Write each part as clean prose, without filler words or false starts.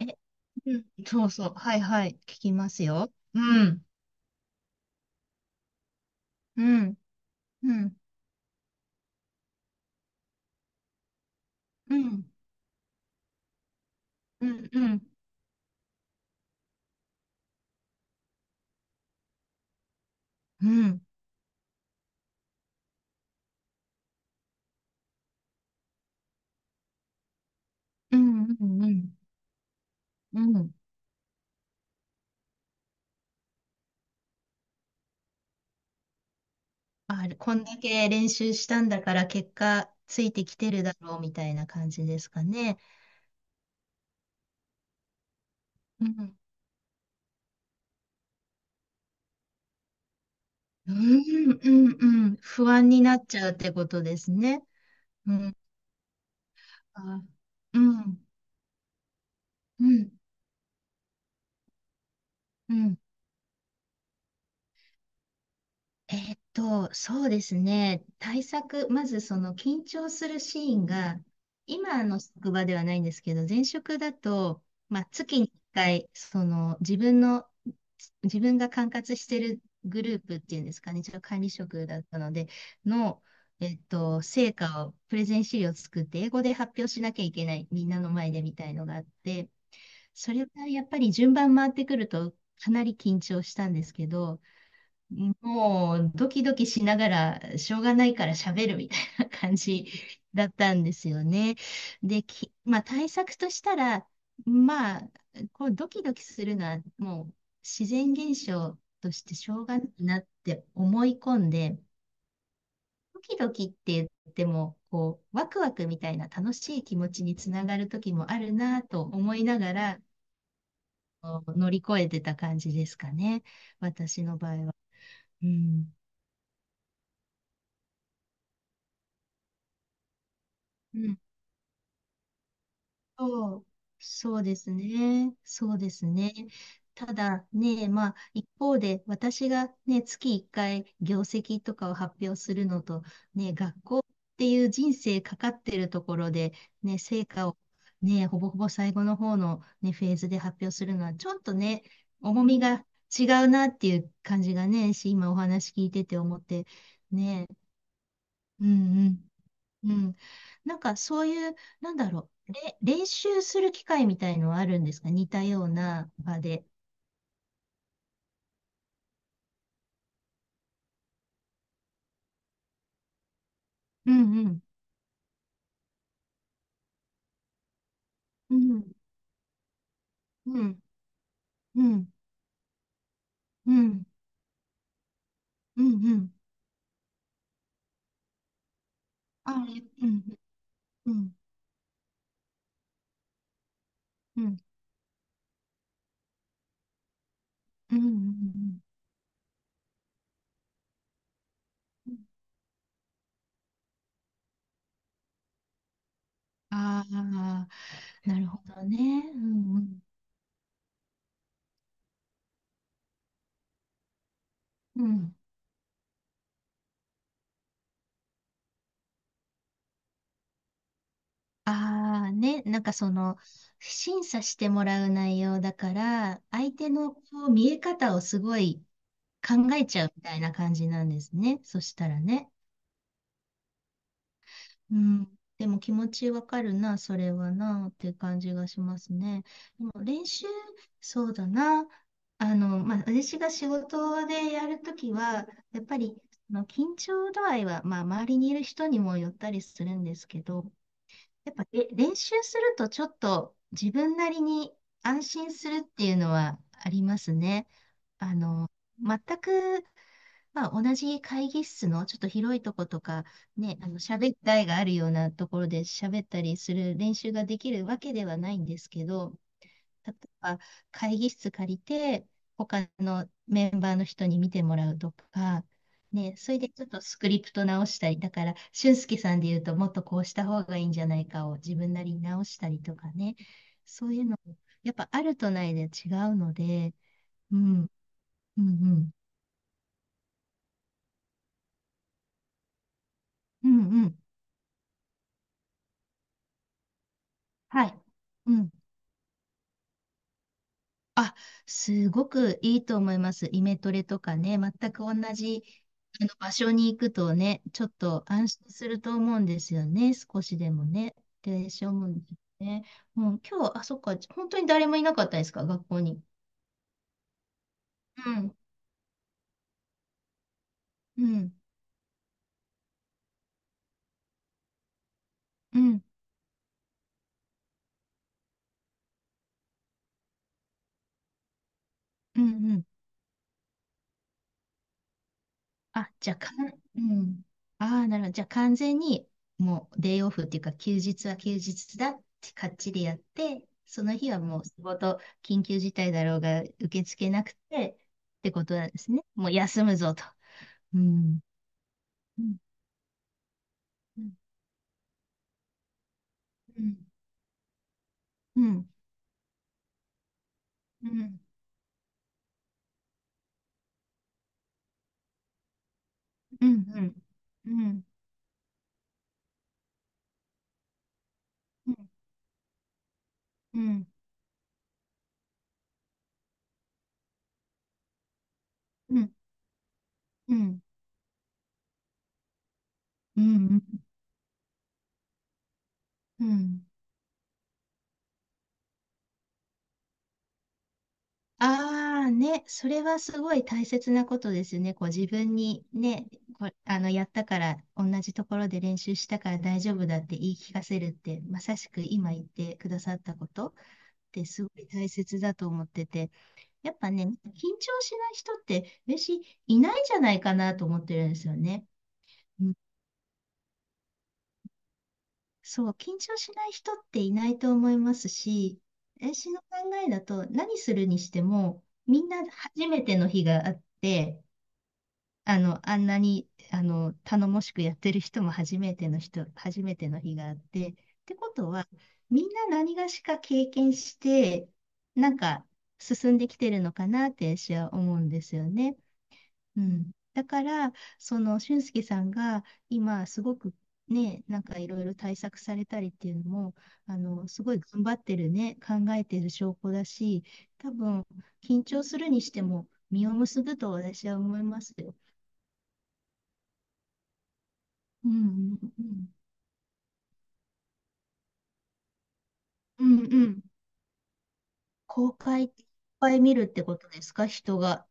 え、うん、そうそう。はいはい。聞きますよ。うん。うん。うん。うん。うん。うん。うん。うん。うん。うん。あれ、こんだけ練習したんだから結果ついてきてるだろうみたいな感じですかね。うん。うん。うん。うん、不安になっちゃうってことですね。うん。あ、うん。うん。うん。そうですね。対策、まずその緊張するシーンが、今の職場ではないんですけど、前職だと、まあ、月に1回、その自分の、自分が管轄してるグループっていうんですかね、一応管理職だったので、の、成果を、プレゼン資料を作って、英語で発表しなきゃいけない、みんなの前でみたいのがあって、それがやっぱり順番回ってくると、かなり緊張したんですけど、もうドキドキしながら、しょうがないから喋るみたいな感じだったんですよね。で、まあ対策としたら、まあ、こうドキドキするのはもう自然現象としてしょうがないなって思い込んで、ドキドキって言っても、こう、ワクワクみたいな楽しい気持ちにつながる時もあるなと思いながら、こう乗り越えてた感じですかね。私の場合は。うん。そう、そうですね。そうですね。ただね、まあ、一方で、私がね、月1回業績とかを発表するのと、ね、学校っていう人生かかってるところで、ね、成果をね、ほぼほぼ最後の方のね、フェーズで発表するのは、ちょっとね、重みが違うなっていう感じがね、し、今お話聞いてて思って、ね、うんうん。うん。なんかそういう、なんだろう、練習する機会みたいのはあるんですか、似たような場で？うんうん。うん。うん。うん。うん。うん。うん。あ、うん。うん。うん。うん。うん。ああー、なるほどね。うんうん。うん。ああ、ね。なんかその、審査してもらう内容だから、相手のこう見え方をすごい考えちゃうみたいな感じなんですね。そしたらね。うん。でも気持ちわかるな、それはな、って感じがしますね。でも練習、そうだな。あの、まあ、私が仕事でやるときは、やっぱり、あの緊張度合いは、まあ、周りにいる人にもよったりするんですけど、やっぱ、練習するとちょっと自分なりに安心するっていうのはありますね。あの、全くまあ、同じ会議室のちょっと広いとことか、ね、あの、喋ったいがあるようなところで喋ったりする練習ができるわけではないんですけど、例えば会議室借りて、他のメンバーの人に見てもらうとか、ね、それでちょっとスクリプト直したり、だから、俊介さんで言うと、もっとこうした方がいいんじゃないかを自分なりに直したりとかね、そういうの、やっぱあるとないで違うので、うん、うん、うん、うん、うん、はい。うん。あ、すごくいいと思います。イメトレとかね、全く同じあの場所に行くとね、ちょっと安心すると思うんですよね、少しでもね。で、しょうもんね。もう今日、あ、そっか、本当に誰もいなかったですか、学校に？うん、うん、うん、うん、うん。あ、じゃかん、うん、ああ、なるほど。じゃ完全にもうデイオフっていうか休日は休日だってかっちりやって、その日はもう仕事緊急事態だろうが受け付けなくてってことですね。もう休むぞと。うん。うん。うん。うん。うん。うん。うん。うん。うん。うん。うん。うん。うん。ああね、それはすごい大切なことですね。こう自分にね、あのやったから、同じところで練習したから大丈夫だって言い聞かせるって、まさしく今言ってくださったことってすごい大切だと思ってて、やっぱね、緊張しない人って私いないんじゃないかなと思ってるんですよね。うん、そう、緊張しない人っていないと思いますし、私の考えだと何するにしても、みんな初めての日があって、あの、あんなに、あの、頼もしくやってる人も初めての人、初めての日があって、ってことは、みんな何がしか経験して、なんか進んできてるのかなって私は思うんですよね。うん。だから、その、俊介さんが今、すごくね、なんかいろいろ対策されたりっていうのも、あの、すごい頑張ってるね、考えてる証拠だし、多分、緊張するにしても、実を結ぶと私は思いますよ。うんうんうん。うんうん。公開いっぱい見るってことですか、人が？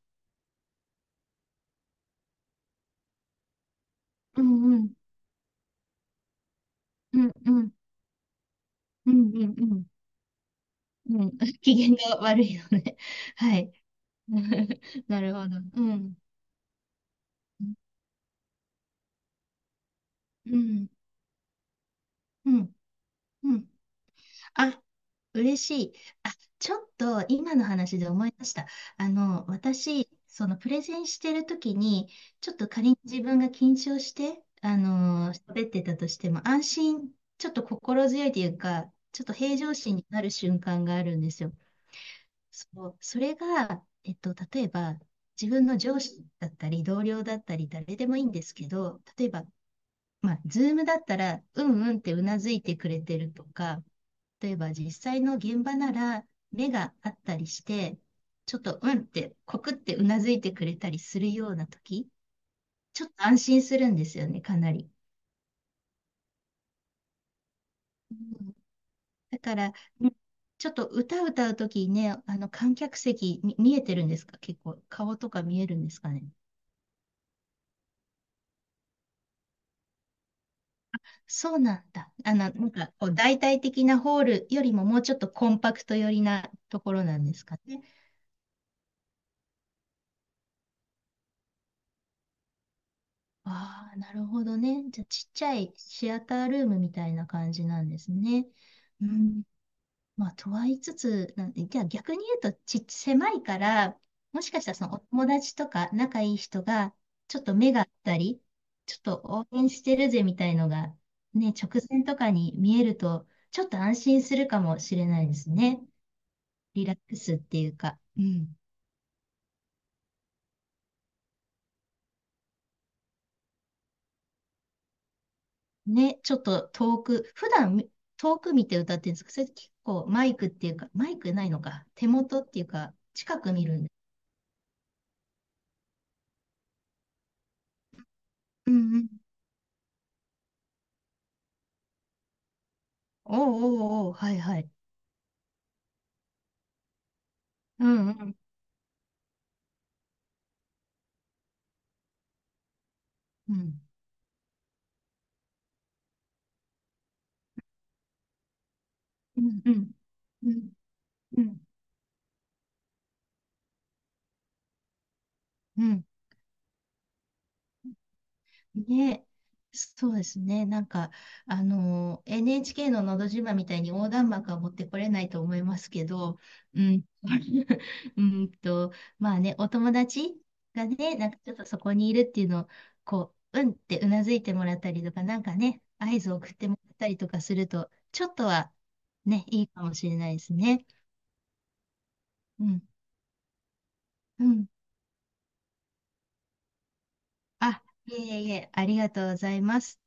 うんうん。うんうん。うんうんうん。うん。機嫌が悪いのね。はい。なるほど。うん。うん。うん。うん。あ、嬉しい。あ、ちょっと今の話で思い出した。あの、私、そのプレゼンしてる時に、ちょっと仮に自分が緊張して、あの、喋ってたとしても、安心、ちょっと心強いというか、ちょっと平常心になる瞬間があるんですよ。そう、それが、例えば、自分の上司だったり、同僚だったり、誰でもいいんですけど、例えば、まあ、ズームだったら、うんうんってうなずいてくれてるとか、例えば実際の現場なら目があったりして、ちょっとうんって、コクってうなずいてくれたりするような時、ちょっと安心するんですよね、かなり。うん、だから、うん、ちょっと歌歌う時にね、あの観客席見えてるんですか、結構顔とか見えるんですかね？そうなんだ。あの、なんかこう大体的なホールよりももうちょっとコンパクト寄りなところなんですかね。ああ、なるほどね。じゃあ、ちっちゃいシアタールームみたいな感じなんですね。うん。まあ、とは言いつつ、なんじゃあ逆に言うと、狭いから、もしかしたらそのお友達とか仲いい人が、ちょっと目があったり、ちょっと応援してるぜみたいのが、ね、直前とかに見えると、ちょっと安心するかもしれないですね。リラックスっていうか。うん。ね、ちょっと遠く、普段遠く見て歌ってるんですけど、それ結構マイクっていうか、マイクないのか、手元っていうか、近く見るんで。うんうん。おうおうおう、はいはい。うんうん。うん。うんうん。うんうん。うんね、そうですね。なんか、あの、NHK ののど自慢みたいに横断幕は持ってこれないと思いますけど、うん、うんと、まあね、お友達がね、なんかちょっとそこにいるっていうのを、こう、うんってうなずいてもらったりとか、なんかね、合図を送ってもらったりとかすると、ちょっとはね、いいかもしれないですね。うん、うん。あ、いえいえ、ありがとうございます。